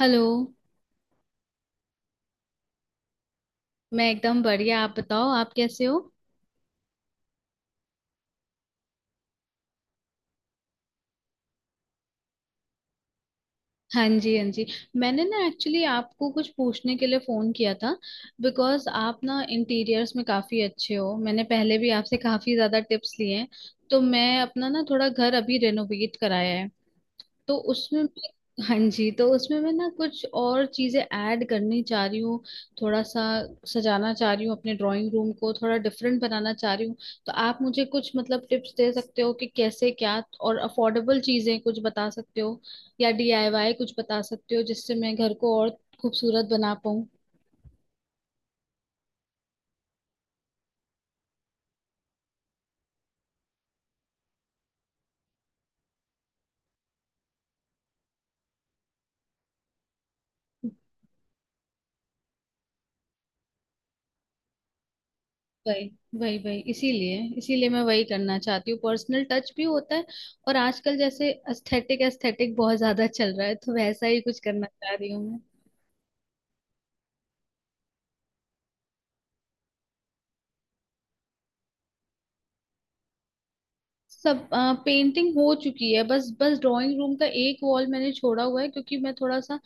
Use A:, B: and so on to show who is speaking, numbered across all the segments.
A: Hello. मैं एकदम बढ़िया। आप बताओ आप कैसे हो। हाँ जी हाँ जी। मैंने एक्चुअली आपको कुछ पूछने के लिए फ़ोन किया था। बिकॉज़ आप इंटीरियर्स में काफ़ी अच्छे हो। मैंने पहले भी आपसे काफ़ी ज़्यादा टिप्स लिए हैं। तो मैं अपना थोड़ा घर अभी रेनोवेट कराया है। तो उसमें मैं, हाँ जी, तो उसमें मैं कुछ और चीजें ऐड करनी चाह रही हूँ। थोड़ा सा सजाना चाह रही हूँ अपने ड्राइंग रूम को, थोड़ा डिफरेंट बनाना चाह रही हूँ। तो आप मुझे कुछ मतलब टिप्स दे सकते हो कि कैसे क्या, और अफोर्डेबल चीजें कुछ बता सकते हो, या डीआईवाई कुछ बता सकते हो जिससे मैं घर को और खूबसूरत बना पाऊँ। वही वही वही, इसीलिए इसीलिए मैं वही करना चाहती हूँ, पर्सनल टच भी होता है। और आजकल जैसे एस्थेटिक एस्थेटिक बहुत ज्यादा चल रहा है तो वैसा ही कुछ करना चाह रही हूँ। सब पेंटिंग हो चुकी है, बस बस ड्राइंग रूम का एक वॉल मैंने छोड़ा हुआ है क्योंकि मैं थोड़ा सा,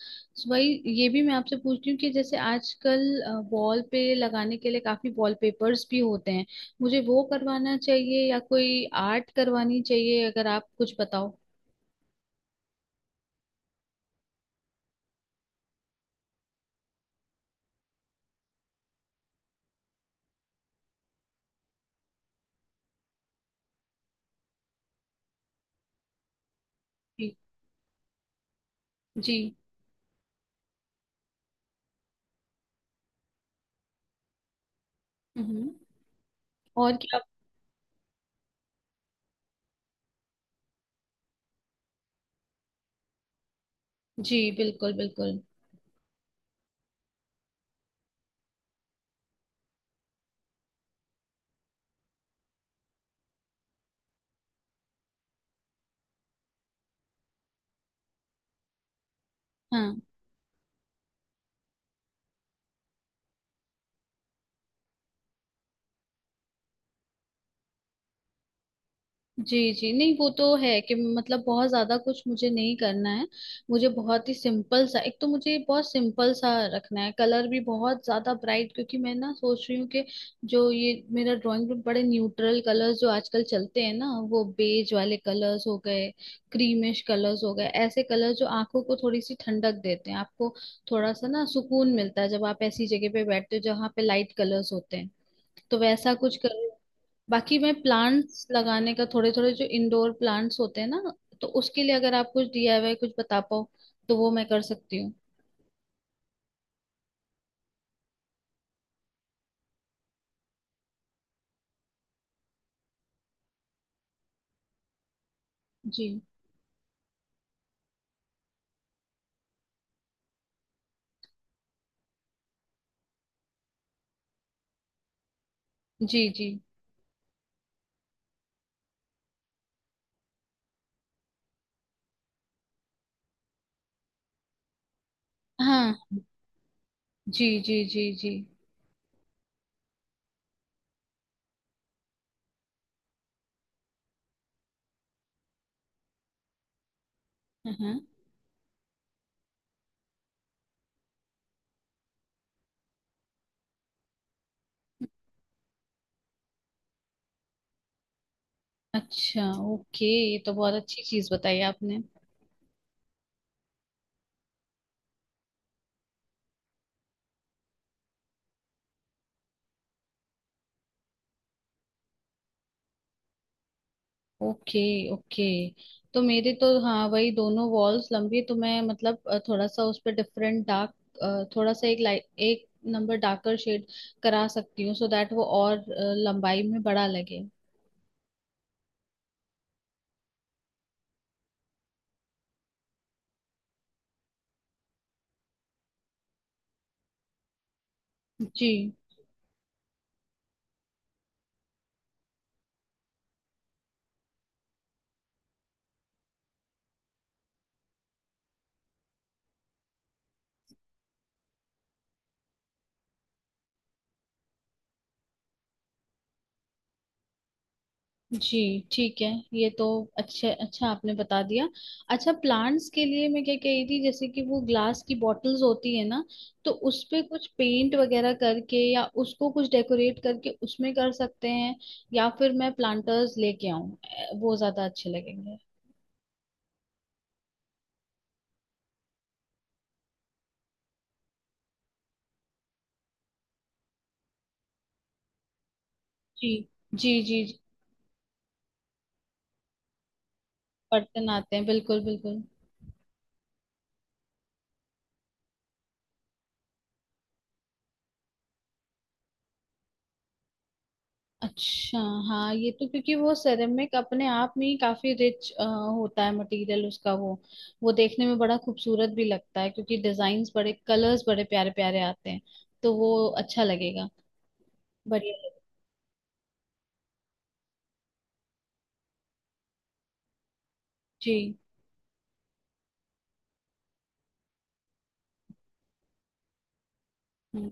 A: वही, ये भी मैं आपसे पूछ रही हूँ कि जैसे आजकल वॉल पे लगाने के लिए काफी वॉलपेपर्स भी होते हैं, मुझे वो करवाना चाहिए या कोई आर्ट करवानी चाहिए, अगर आप कुछ बताओ। जी जी। हम्म। और क्या। जी बिल्कुल बिल्कुल। हाँ जी जी, नहीं वो तो है कि मतलब बहुत ज्यादा कुछ मुझे नहीं करना है। मुझे बहुत ही सिंपल सा, एक तो मुझे बहुत सिंपल सा रखना है। कलर भी बहुत ज्यादा ब्राइट, क्योंकि मैं सोच रही हूँ कि जो ये मेरा ड्राइंग रूम, बड़े न्यूट्रल कलर्स जो आजकल चलते हैं ना, वो बेज वाले कलर्स हो गए, क्रीमिश कलर्स हो गए, ऐसे कलर जो आंखों को थोड़ी सी ठंडक देते हैं आपको। थोड़ा सा सुकून मिलता है जब आप ऐसी जगह पे बैठते हो जहाँ पे लाइट कलर्स होते हैं। तो वैसा कुछ कर रही हूँ। बाकी मैं प्लांट्स लगाने का, थोड़े थोड़े जो इंडोर प्लांट्स होते हैं ना, तो उसके लिए अगर आप कुछ डीआईवाई कुछ बता पाओ तो वो मैं कर सकती हूँ। जी जी जी। हाँ जी जी जी जी। हाँ। अच्छा ओके, ये तो बहुत अच्छी चीज बताई आपने। ओके ओके, तो मेरे तो हाँ वही दोनों वॉल्स लंबी है, तो मैं मतलब थोड़ा सा उस पर डिफरेंट डार्क, थोड़ा सा एक लाइट, एक नंबर डार्कर शेड करा सकती हूँ, सो दैट वो और लंबाई में बड़ा लगे। जी जी, ठीक है, ये तो अच्छे अच्छा आपने बता दिया। अच्छा, प्लांट्स के लिए मैं क्या कह रही थी, जैसे कि वो ग्लास की बॉटल्स होती है ना, तो उस पे कुछ पेंट वगैरह करके या उसको कुछ डेकोरेट करके उसमें कर सकते हैं, या फिर मैं प्लांटर्स लेके आऊं, वो ज्यादा अच्छे लगेंगे। जी जी जी जी, बर्तन आते हैं बिल्कुल बिल्कुल। अच्छा, हाँ ये तो क्योंकि वो सेरेमिक अपने आप में ही काफी रिच होता है, मटेरियल उसका, वो देखने में बड़ा खूबसूरत भी लगता है क्योंकि डिजाइन्स बड़े, कलर्स बड़े प्यारे प्यारे आते हैं, तो वो अच्छा लगेगा, बढ़िया लगेगा। जी। हम्म,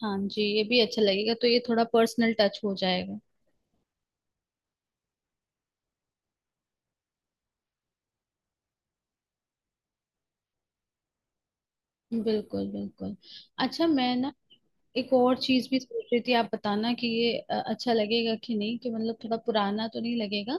A: हाँ जी, ये भी अच्छा लगेगा, तो ये थोड़ा पर्सनल टच हो जाएगा। बिल्कुल बिल्कुल। अच्छा मैं एक और चीज भी सोच रही थी, आप बताना कि ये अच्छा लगेगा कि नहीं, कि मतलब थोड़ा पुराना तो नहीं लगेगा।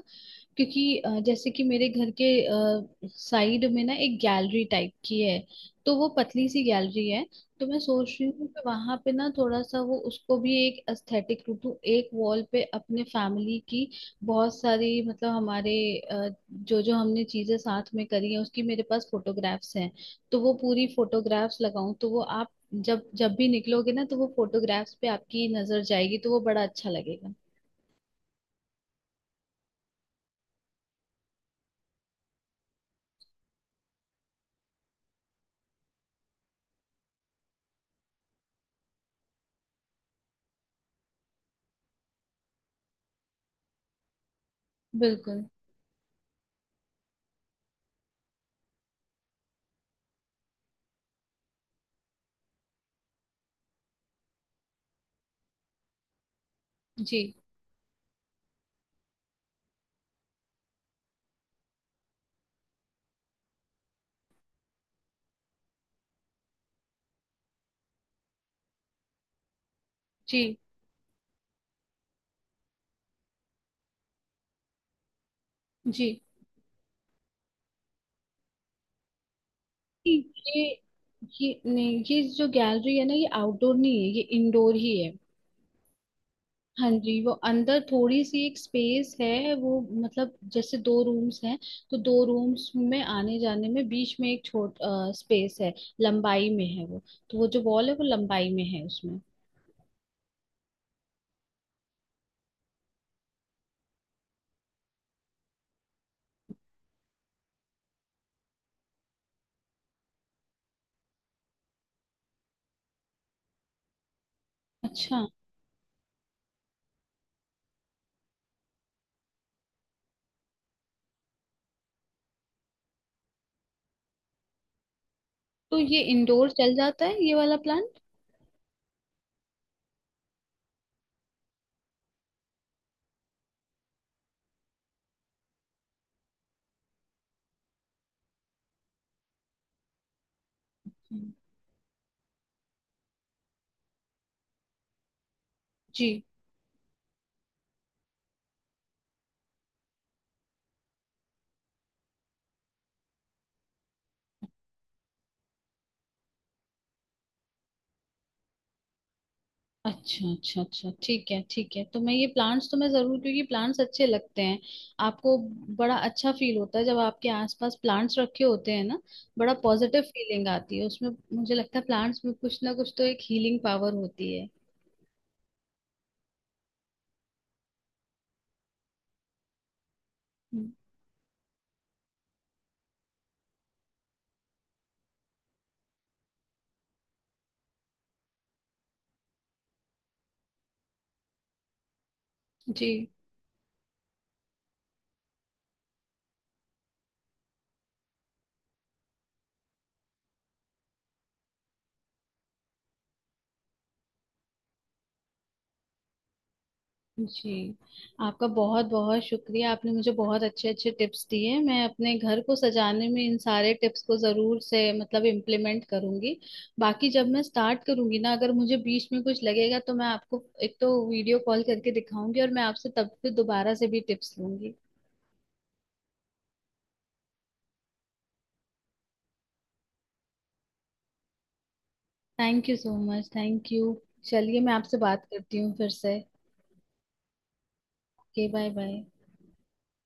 A: क्योंकि जैसे कि मेरे घर के साइड में एक गैलरी टाइप की है, तो वो पतली सी गैलरी है, तो मैं सोच रही हूँ कि वहां पे थोड़ा सा वो उसको भी एक एस्थेटिक रूप दूं, एक वॉल पे अपने फैमिली की बहुत सारी, मतलब हमारे जो जो हमने चीजें साथ में करी है उसकी मेरे पास फोटोग्राफ्स हैं, तो वो पूरी फोटोग्राफ्स लगाऊं तो वो आप जब जब भी निकलोगे ना तो वो फोटोग्राफ्स पे आपकी नजर जाएगी, तो वो बड़ा अच्छा लगेगा। बिल्कुल। जी जी जी, ये ये नहीं, ये जो गैलरी है ना ये आउटडोर नहीं है, ये इंडोर ही है। हाँ जी वो अंदर थोड़ी सी एक स्पेस है, वो मतलब जैसे दो रूम्स हैं, तो दो रूम्स में आने जाने में बीच में एक छोट स्पेस है, लंबाई में है वो, तो वो जो वॉल है वो लंबाई में है उसमें। अच्छा, तो ये इंडोर चल जाता है ये वाला प्लान। जी। अच्छा अच्छा अच्छा, ठीक है ठीक है, तो मैं ये प्लांट्स तो मैं जरूर, क्योंकि प्लांट्स अच्छे लगते हैं आपको, बड़ा अच्छा फील होता है जब आपके आसपास प्लांट्स रखे होते हैं ना, बड़ा पॉजिटिव फीलिंग आती है उसमें। मुझे लगता है प्लांट्स में कुछ ना कुछ तो एक हीलिंग पावर होती है। हम्म, जी जी। आपका बहुत बहुत शुक्रिया, आपने मुझे बहुत अच्छे अच्छे टिप्स दिए, मैं अपने घर को सजाने में इन सारे टिप्स को जरूर से मतलब इम्प्लीमेंट करूंगी। बाकी जब मैं स्टार्ट करूंगी ना, अगर मुझे बीच में कुछ लगेगा तो मैं आपको एक तो वीडियो कॉल करके दिखाऊंगी और मैं आपसे तब फिर दोबारा से भी टिप्स लूंगी। Thank you so much, thank you. चलिए मैं आपसे बात करती हूँ फिर से। Okay, bye bye.